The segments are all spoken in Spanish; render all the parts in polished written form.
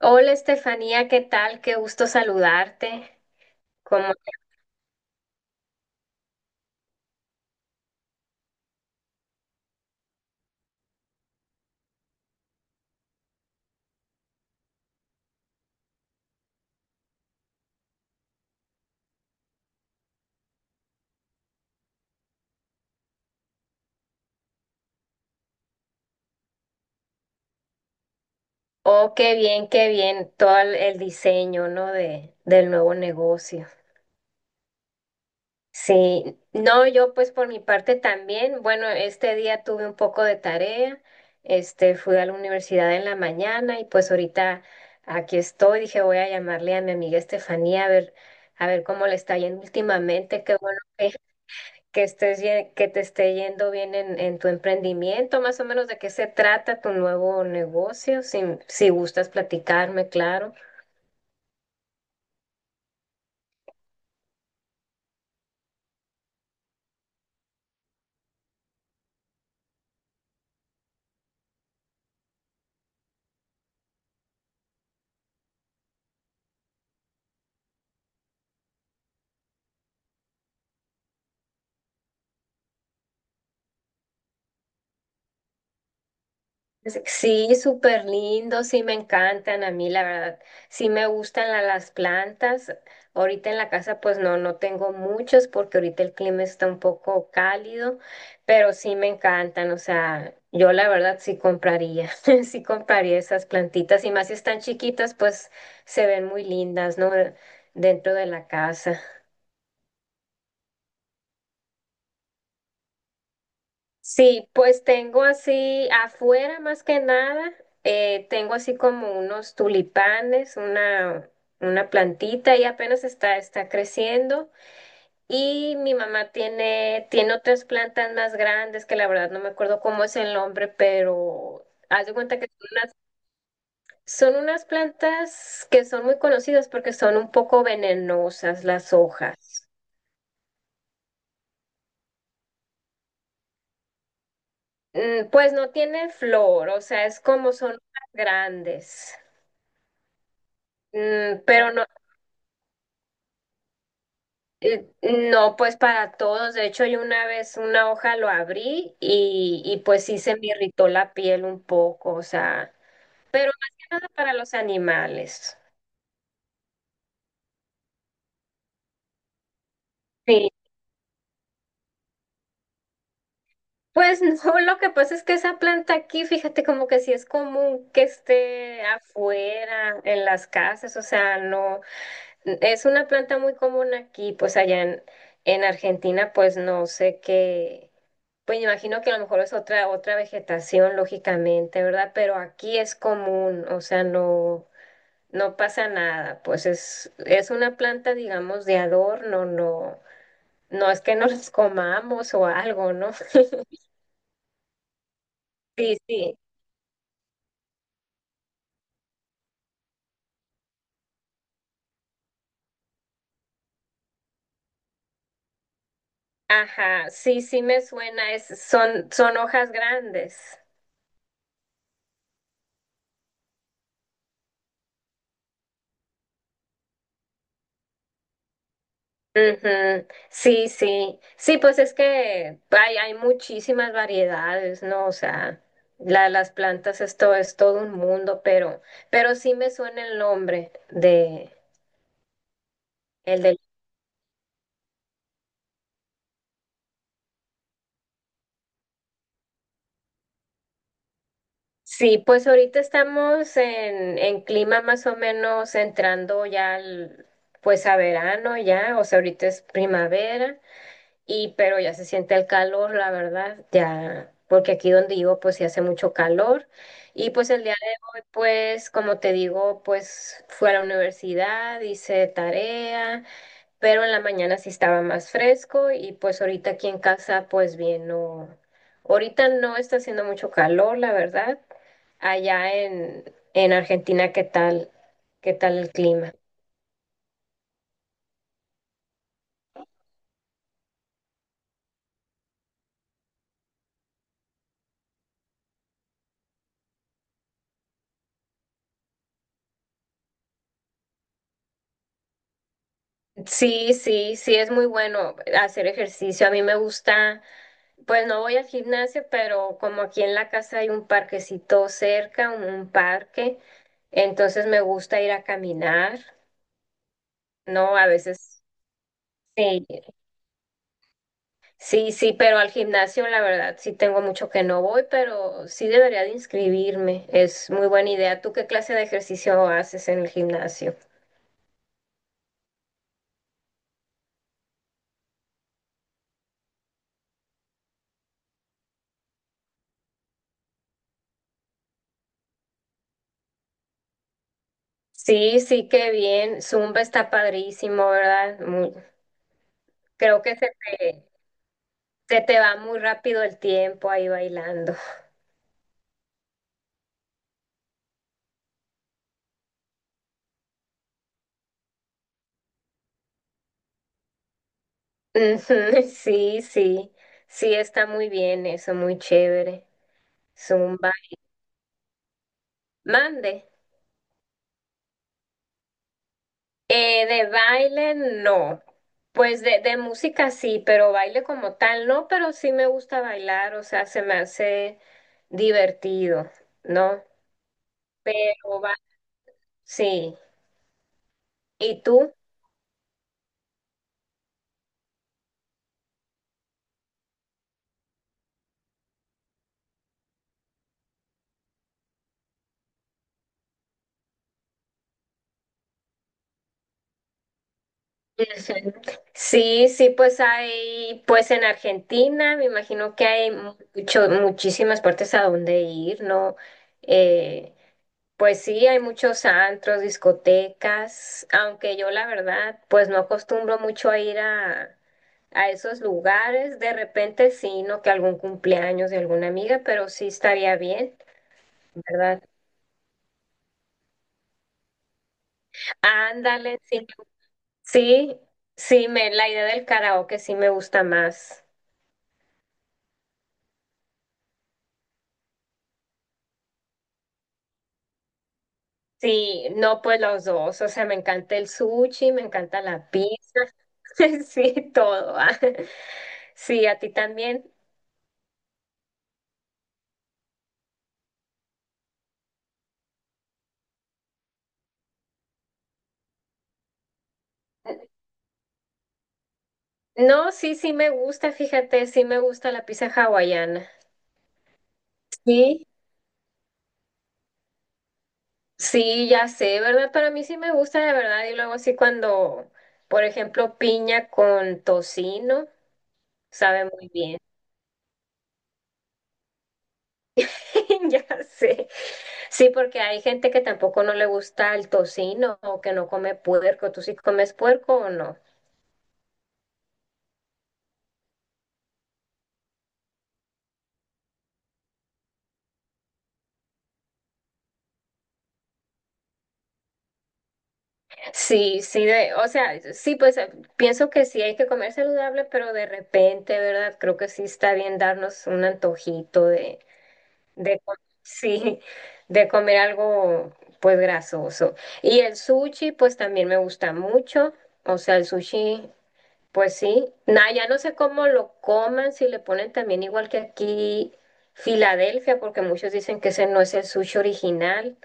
Hola Estefanía, ¿qué tal? Qué gusto saludarte. Como, oh, qué bien todo el diseño, ¿no? Del nuevo negocio. Sí, no, yo pues por mi parte también. Bueno, este día tuve un poco de tarea. Fui a la universidad en la mañana y pues ahorita aquí estoy. Dije, voy a llamarle a mi amiga Estefanía a ver cómo le está yendo últimamente. Qué bueno que que te esté yendo bien en tu emprendimiento, más o menos de qué se trata tu nuevo negocio, si gustas platicarme, claro. Sí, súper lindo, sí me encantan a mí, la verdad. Sí me gustan las plantas. Ahorita en la casa pues no tengo muchos porque ahorita el clima está un poco cálido, pero sí me encantan. O sea, yo la verdad sí compraría, sí compraría esas plantitas y más si están chiquitas pues se ven muy lindas, ¿no? Dentro de la casa. Sí, pues tengo así afuera más que nada, tengo así como unos tulipanes, una plantita y apenas está creciendo. Y mi mamá tiene, tiene otras plantas más grandes que la verdad no me acuerdo cómo es el nombre, pero haz de cuenta que son unas plantas que son muy conocidas porque son un poco venenosas las hojas. Mm, pues no tiene flor, o sea, es como son hojas grandes. Mm, pero no, no, pues para todos. De hecho, yo una vez una hoja lo abrí y pues sí se me irritó la piel un poco, o sea, pero más que nada para los animales. Sí. Pues no, lo que pasa es que esa planta aquí, fíjate, como que sí es común que esté afuera, en las casas, o sea, no, es una planta muy común aquí, pues en Argentina, pues no sé qué. Pues me imagino que a lo mejor es otra, otra vegetación, lógicamente, ¿verdad? Pero aquí es común, o sea, no, no pasa nada. Pues es una planta, digamos, de adorno, no, no es que nos comamos o algo, ¿no? Sí, sí. Ajá, sí, sí me suena, es, son, son hojas grandes. Ujú, sí, sí, sí, pues es que hay muchísimas variedades, ¿no? O sea, las plantas esto es todo un mundo, pero sí me suena el nombre el del... Sí, pues ahorita estamos en clima más o menos pues a verano ya, o sea, ahorita es primavera y pero ya se siente el calor, la verdad, ya, porque aquí donde vivo pues sí hace mucho calor. Y pues el día, pues como te digo, pues fui a la universidad, hice tarea, pero en la mañana sí estaba más fresco y pues ahorita aquí en casa pues bien, no, ahorita no está haciendo mucho calor, la verdad. Allá en, en Argentina, ¿qué tal? ¿Qué tal el clima? Sí, sí, sí, es muy bueno hacer ejercicio. A mí me gusta. Pues no voy al gimnasio, pero como aquí en la casa hay un parquecito cerca, un parque, entonces me gusta ir a caminar, ¿no? A veces sí, sí, sí, pero al gimnasio la verdad sí tengo mucho que no voy, pero sí debería de inscribirme, es muy buena idea. ¿Tú qué clase de ejercicio haces en el gimnasio? Sí, sí, qué bien, Zumba está padrísimo, ¿verdad? Creo que te, se te va muy rápido el tiempo ahí bailando. Ujú, sí, sí, sí, está muy bien eso, muy chévere. Zumba. Mande. De baile, no. Pues de música sí, pero baile como tal, no, pero sí me gusta bailar, o sea, se me hace divertido, ¿no? Pero va, sí. ¿Y tú? Ujú. Sí, sí, pues hay, pues en Argentina, me imagino que hay mucho, muchísimas partes a donde ir, ¿no? Eh, pues sí, hay muchos antros, discotecas, aunque yo la verdad, pues no acostumbro mucho a a esos lugares. De repente sí, no que algún cumpleaños de alguna amiga, pero sí estaría bien, ¿verdad? Ándale, sí, sí, sí, me, la idea del karaoke sí me gusta más. Sí, no, pues los dos, o sea, me encanta el sushi, me encanta la pizza, sí, todo. Ah. Sí, a ti también. No, sí, sí me gusta, fíjate, sí me gusta la pizza hawaiana. Sí. Sí, ya sé, ¿verdad? Pero a mí sí me gusta de verdad. Y luego sí cuando, por ejemplo, piña con tocino, sabe muy bien. Ya sé. Sí, porque hay gente que tampoco no le gusta el tocino o que no come puerco. ¿Tú sí comes puerco o no? Sí, sí, de, o sea, sí, pues pienso que sí hay que comer saludable, pero de repente, ¿verdad? Creo que sí está bien darnos un antojito De, co- sí, de comer algo pues grasoso. Y el sushi pues también me gusta mucho. O sea, el sushi pues sí. Nada, ya no sé cómo lo coman, si le ponen también igual que aquí Filadelfia, porque muchos dicen que ese no es el sushi original,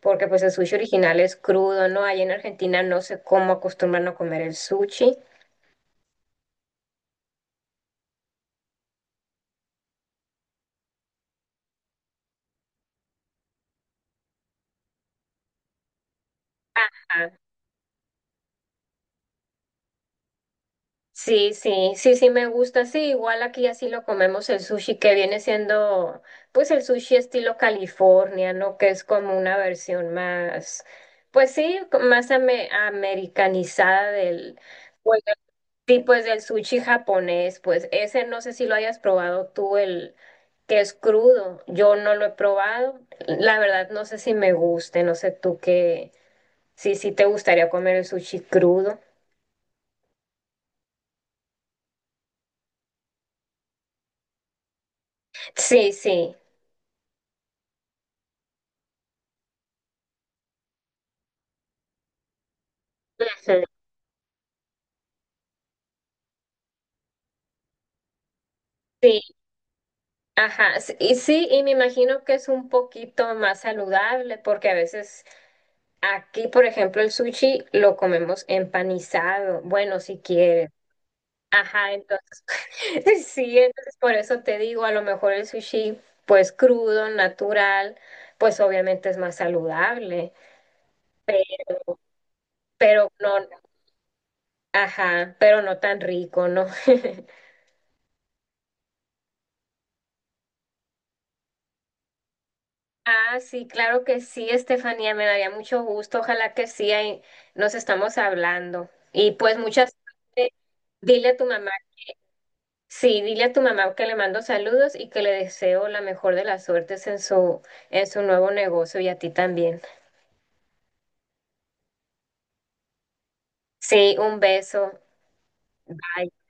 porque pues el sushi original es crudo, ¿no? Allá en Argentina no sé cómo acostumbran a comer el sushi. Sí, sí, sí, sí me gusta. Sí, igual aquí así lo comemos el sushi, que viene siendo pues el sushi estilo California, ¿no? Que es como una versión más, pues sí, americanizada pues, sí, pues del sushi japonés. Pues ese no sé si lo hayas probado tú, el que es crudo. Yo no lo he probado. La verdad no sé si me guste, no sé sí, sí te gustaría comer el sushi crudo. Sí, sí. Ujú. Sí, ajá, y sí, y me imagino que es un poquito más saludable porque a veces aquí, por ejemplo, el sushi lo comemos empanizado, bueno, si quieres. Ajá, entonces, sí, entonces por eso te digo, a lo mejor el sushi, pues crudo, natural, pues obviamente es más saludable, pero no, ajá, pero no tan rico, ¿no? Ah, sí, claro que sí, Estefanía, me daría mucho gusto. Ojalá que sí, ahí nos estamos hablando. Y pues muchas suerte. Dile a tu mamá, sí, dile a tu mamá que le mando saludos y que le deseo la mejor de las suertes en en su nuevo negocio y a ti también. Sí, un beso. Bye.